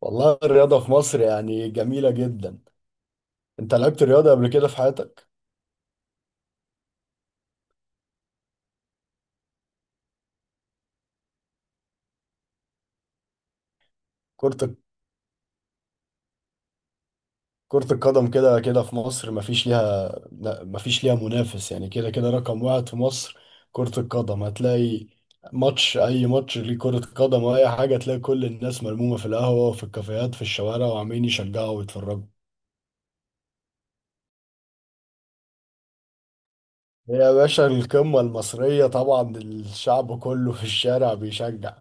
والله الرياضة في مصر يعني جميلة جدا. انت لعبت رياضة قبل كده في حياتك؟ كرة كرة القدم كده كده في مصر مفيش ليها لا، مفيش ليها منافس، يعني كده كده رقم واحد في مصر. كرة القدم هتلاقي ماتش، أي ماتش ليه كرة قدم أو أي حاجة، تلاقي كل الناس ملمومة في القهوة وفي الكافيهات في الشوارع وعمالين يشجعوا ويتفرجوا. هي يا باشا القمة المصرية، طبعا الشعب كله في الشارع بيشجع.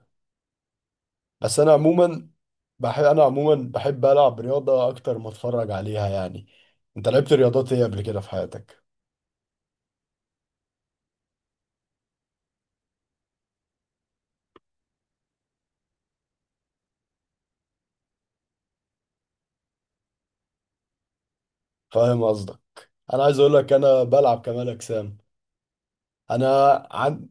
بس انا عموما بحب العب رياضه اكتر ما اتفرج عليها يعني. انت لعبت رياضات ايه قبل كده في حياتك؟ فاهم قصدك. انا عايز اقول لك انا بلعب كمال اجسام. انا عن...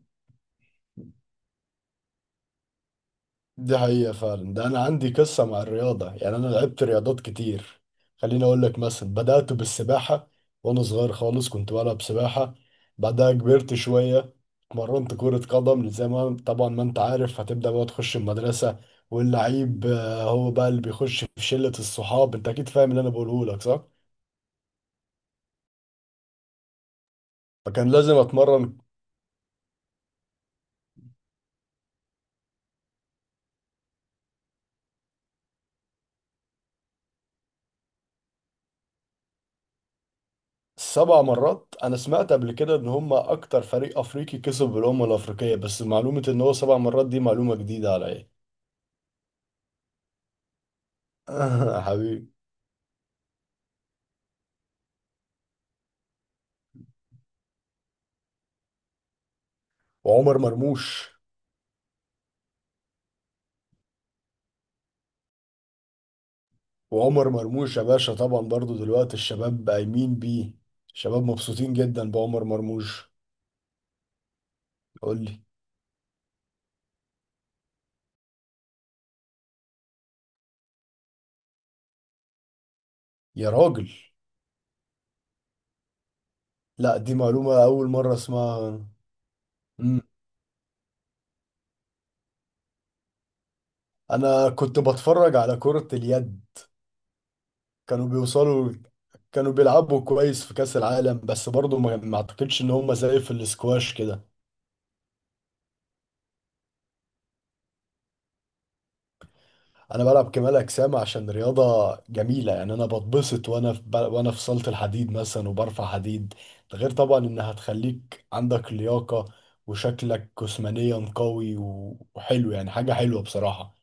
دي حقيقة فعلا، ده أنا عندي قصة مع الرياضة، يعني أنا لعبت رياضات كتير. خليني أقول لك مثلا، بدأت بالسباحة وأنا صغير خالص، كنت بلعب سباحة. بعدها كبرت شوية، اتمرنت كرة قدم، زي ما طبعا ما أنت عارف هتبدأ بقى تخش المدرسة، واللعيب آه، هو بقى اللي بيخش في شلة الصحاب. أنت أكيد فاهم اللي أنا بقوله لك صح؟ فكان لازم أتمرن. 7 مرات؟ أنا سمعت قبل كده إن هما أكتر فريق أفريقي كسب بالأمم الأفريقية، بس معلومة إن هو 7 مرات دي معلومة جديدة عليا. حبيبي. وعمر مرموش. وعمر مرموش يا باشا، طبعا برضو دلوقتي الشباب قايمين بيه، الشباب مبسوطين جدا بعمر مرموش. قول لي. يا راجل. لا دي معلومة أول مرة أسمعها. مم. أنا كنت بتفرج على كرة اليد. كانوا بيوصلوا، كانوا بيلعبوا كويس في كأس العالم، بس برضو ما أعتقدش إن هم زي في الاسكواش كده. انا بلعب كمال اجسام عشان رياضه جميله يعني، انا بتبسط وانا في صاله الحديد مثلا وبرفع حديد. ده غير طبعا انها هتخليك عندك لياقه، وشكلك جسمانيا قوي و... وحلو، يعني حاجه حلوه بصراحه.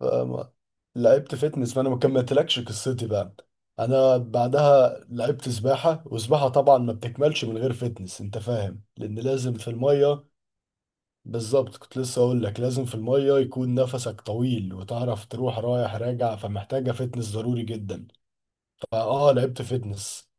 فما- لعبت فتنس، فانا ما كملتلكش قصتي بقى. انا بعدها لعبت سباحه، وسباحه طبعا ما بتكملش من غير فتنس، انت فاهم، لان لازم في الميه. بالظبط، كنت لسه اقول لك لازم في المية يكون نفسك طويل وتعرف تروح رايح راجع، فمحتاجة فتنس ضروري جدا. لعبت فتنس.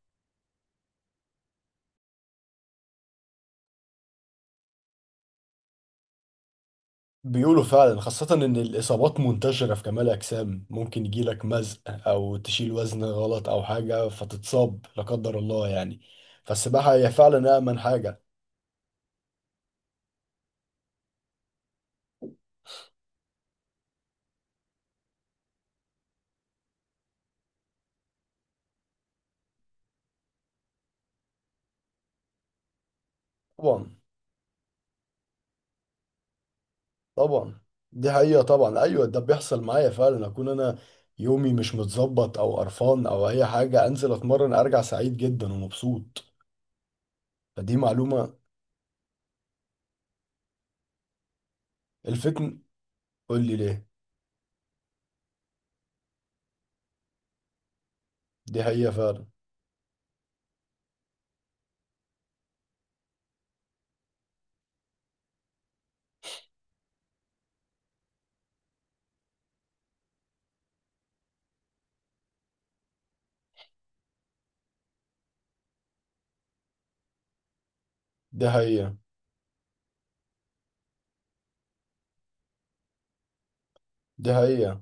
بيقولوا فعلا، خاصة ان الاصابات منتشرة في كمال اجسام، ممكن يجيلك مزق او تشيل وزن غلط او حاجة فتتصاب لا قدر الله يعني. فالسباحة هي فعلا امن حاجة. طبعا طبعا دي حقيقة، طبعا ايوه، ده بيحصل معايا فعلا، اكون انا يومي مش متظبط او قرفان او اي حاجة، انزل اتمرن ارجع سعيد جدا ومبسوط. فدي معلومة. الفتن. قول لي ليه. دي حقيقة فعلا. دي حقيقة. دي حقيقة.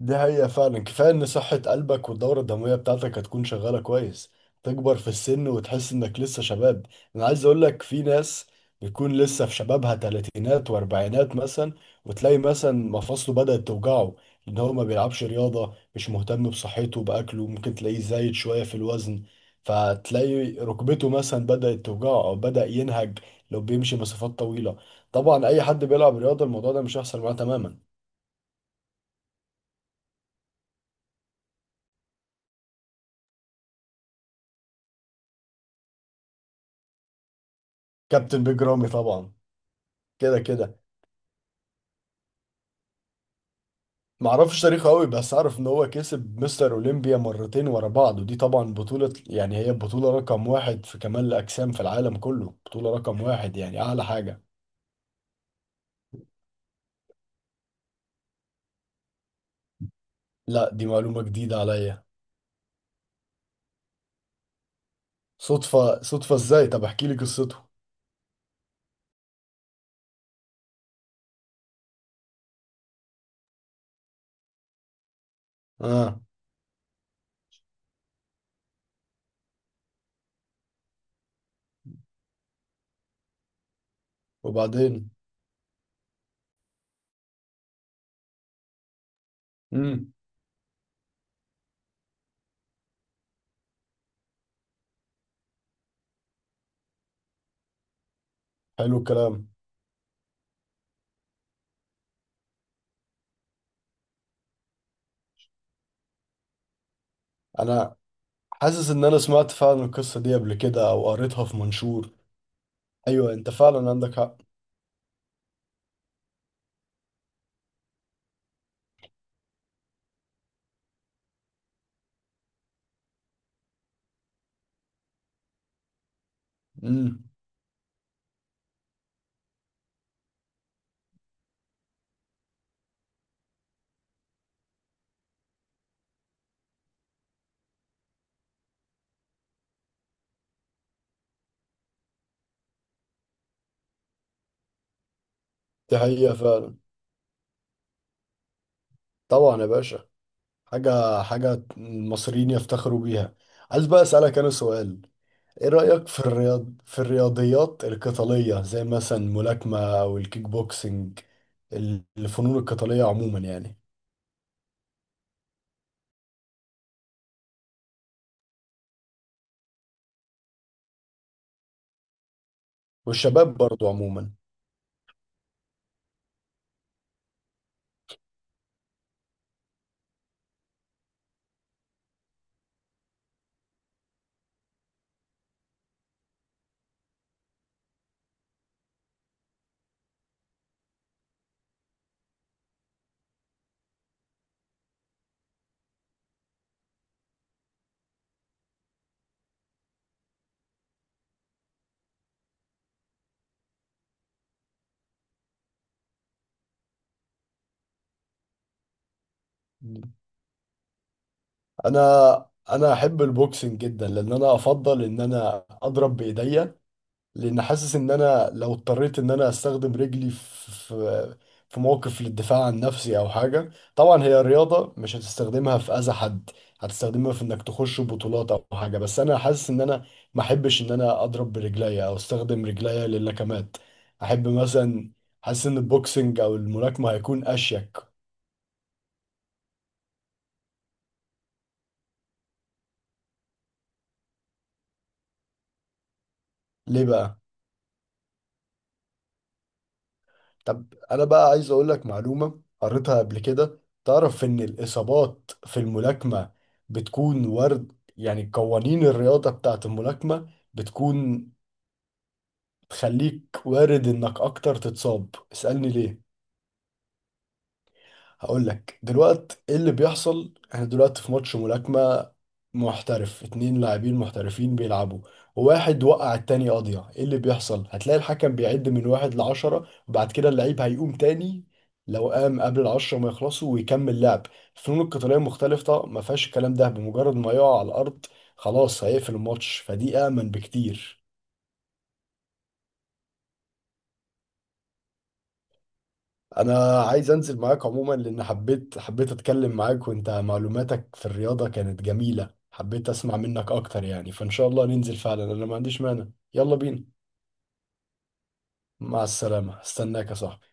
دي حقيقة فعلا، كفاية ان صحة قلبك والدورة الدموية بتاعتك هتكون شغالة كويس، تكبر في السن وتحس انك لسه شباب. انا عايز اقولك، في ناس بتكون لسه في شبابها، تلاتينات واربعينات مثلا، وتلاقي مثلا مفاصله بدأت توجعه، ان هو ما بيلعبش رياضة، مش مهتم بصحته بأكله، ممكن تلاقيه زايد شوية في الوزن، فتلاقي ركبته مثلا بدأت توجعه او بدأ ينهج لو بيمشي مسافات طويلة. طبعا اي حد بيلعب رياضة الموضوع ده مش هيحصل معاه تماما. كابتن بيج رامي طبعا. كده كده. معرفش تاريخه قوي، بس اعرف ان هو كسب مستر اولمبيا مرتين ورا بعض، ودي طبعا بطولة، يعني هي بطولة رقم واحد في كمال الاجسام في العالم كله، بطولة رقم واحد يعني اعلى حاجة. لا دي معلومة جديدة عليا. صدفة؟ صدفة ازاي؟ طب احكي لي قصته. اه. وبعدين. امم حلو الكلام. انا حاسس ان انا سمعت فعلا القصة دي قبل كده او قريتها في منشور. ايوه انت فعلا عندك حق. امم دي حقيقة فعلا. طبعا يا باشا، حاجة المصريين يفتخروا بيها. عايز بقى أسألك أنا سؤال. إيه رأيك في الرياضيات القتالية، زي مثلا الملاكمة أو الكيك بوكسينج؟ ال- الفنون القتالية عموما يعني. والشباب برضو عموما. أنا أنا أحب البوكسينج جدا، لأن أنا أفضل إن أنا أضرب بإيديا، لان حاسس ان انا لو اضطريت ان انا استخدم رجلي في موقف للدفاع عن نفسي او حاجه، طبعا هي رياضه مش هتستخدمها في اذى حد، هتستخدمها في انك تخش بطولات او حاجه، بس انا حاسس ان انا ما احبش ان انا اضرب برجليا او استخدم رجليا للكمات. احب مثلا، حاسس ان البوكسنج او الملاكمه هيكون اشيك. ليه بقى؟ طب انا بقى عايز اقول لك معلومة قريتها قبل كده. تعرف ان الاصابات في الملاكمة بتكون وارد، يعني قوانين الرياضة بتاعت الملاكمة بتكون تخليك وارد انك اكتر تتصاب. اسألني ليه. هقول لك دلوقتي ايه اللي بيحصل. احنا دلوقتي في ماتش ملاكمة محترف، اتنين لاعبين محترفين بيلعبوا، وواحد وقع التاني قاضية، ايه اللي بيحصل؟ هتلاقي الحكم بيعد من واحد لعشرة وبعد كده اللعيب هيقوم تاني. لو قام قبل العشرة ما يخلصوا ويكمل لعب. الفنون القتالية مختلفة، ما فيهاش الكلام ده، بمجرد ما يقع على الأرض خلاص هيقفل الماتش، فدي أأمن بكتير. انا عايز انزل معاك عموما، لان حبيت اتكلم معاك، وانت معلوماتك في الرياضة كانت جميلة، حبيت اسمع منك اكتر يعني، فان شاء الله ننزل فعلا، انا ما عنديش مانع. يلا بينا. مع السلامة، استناك يا صاحبي.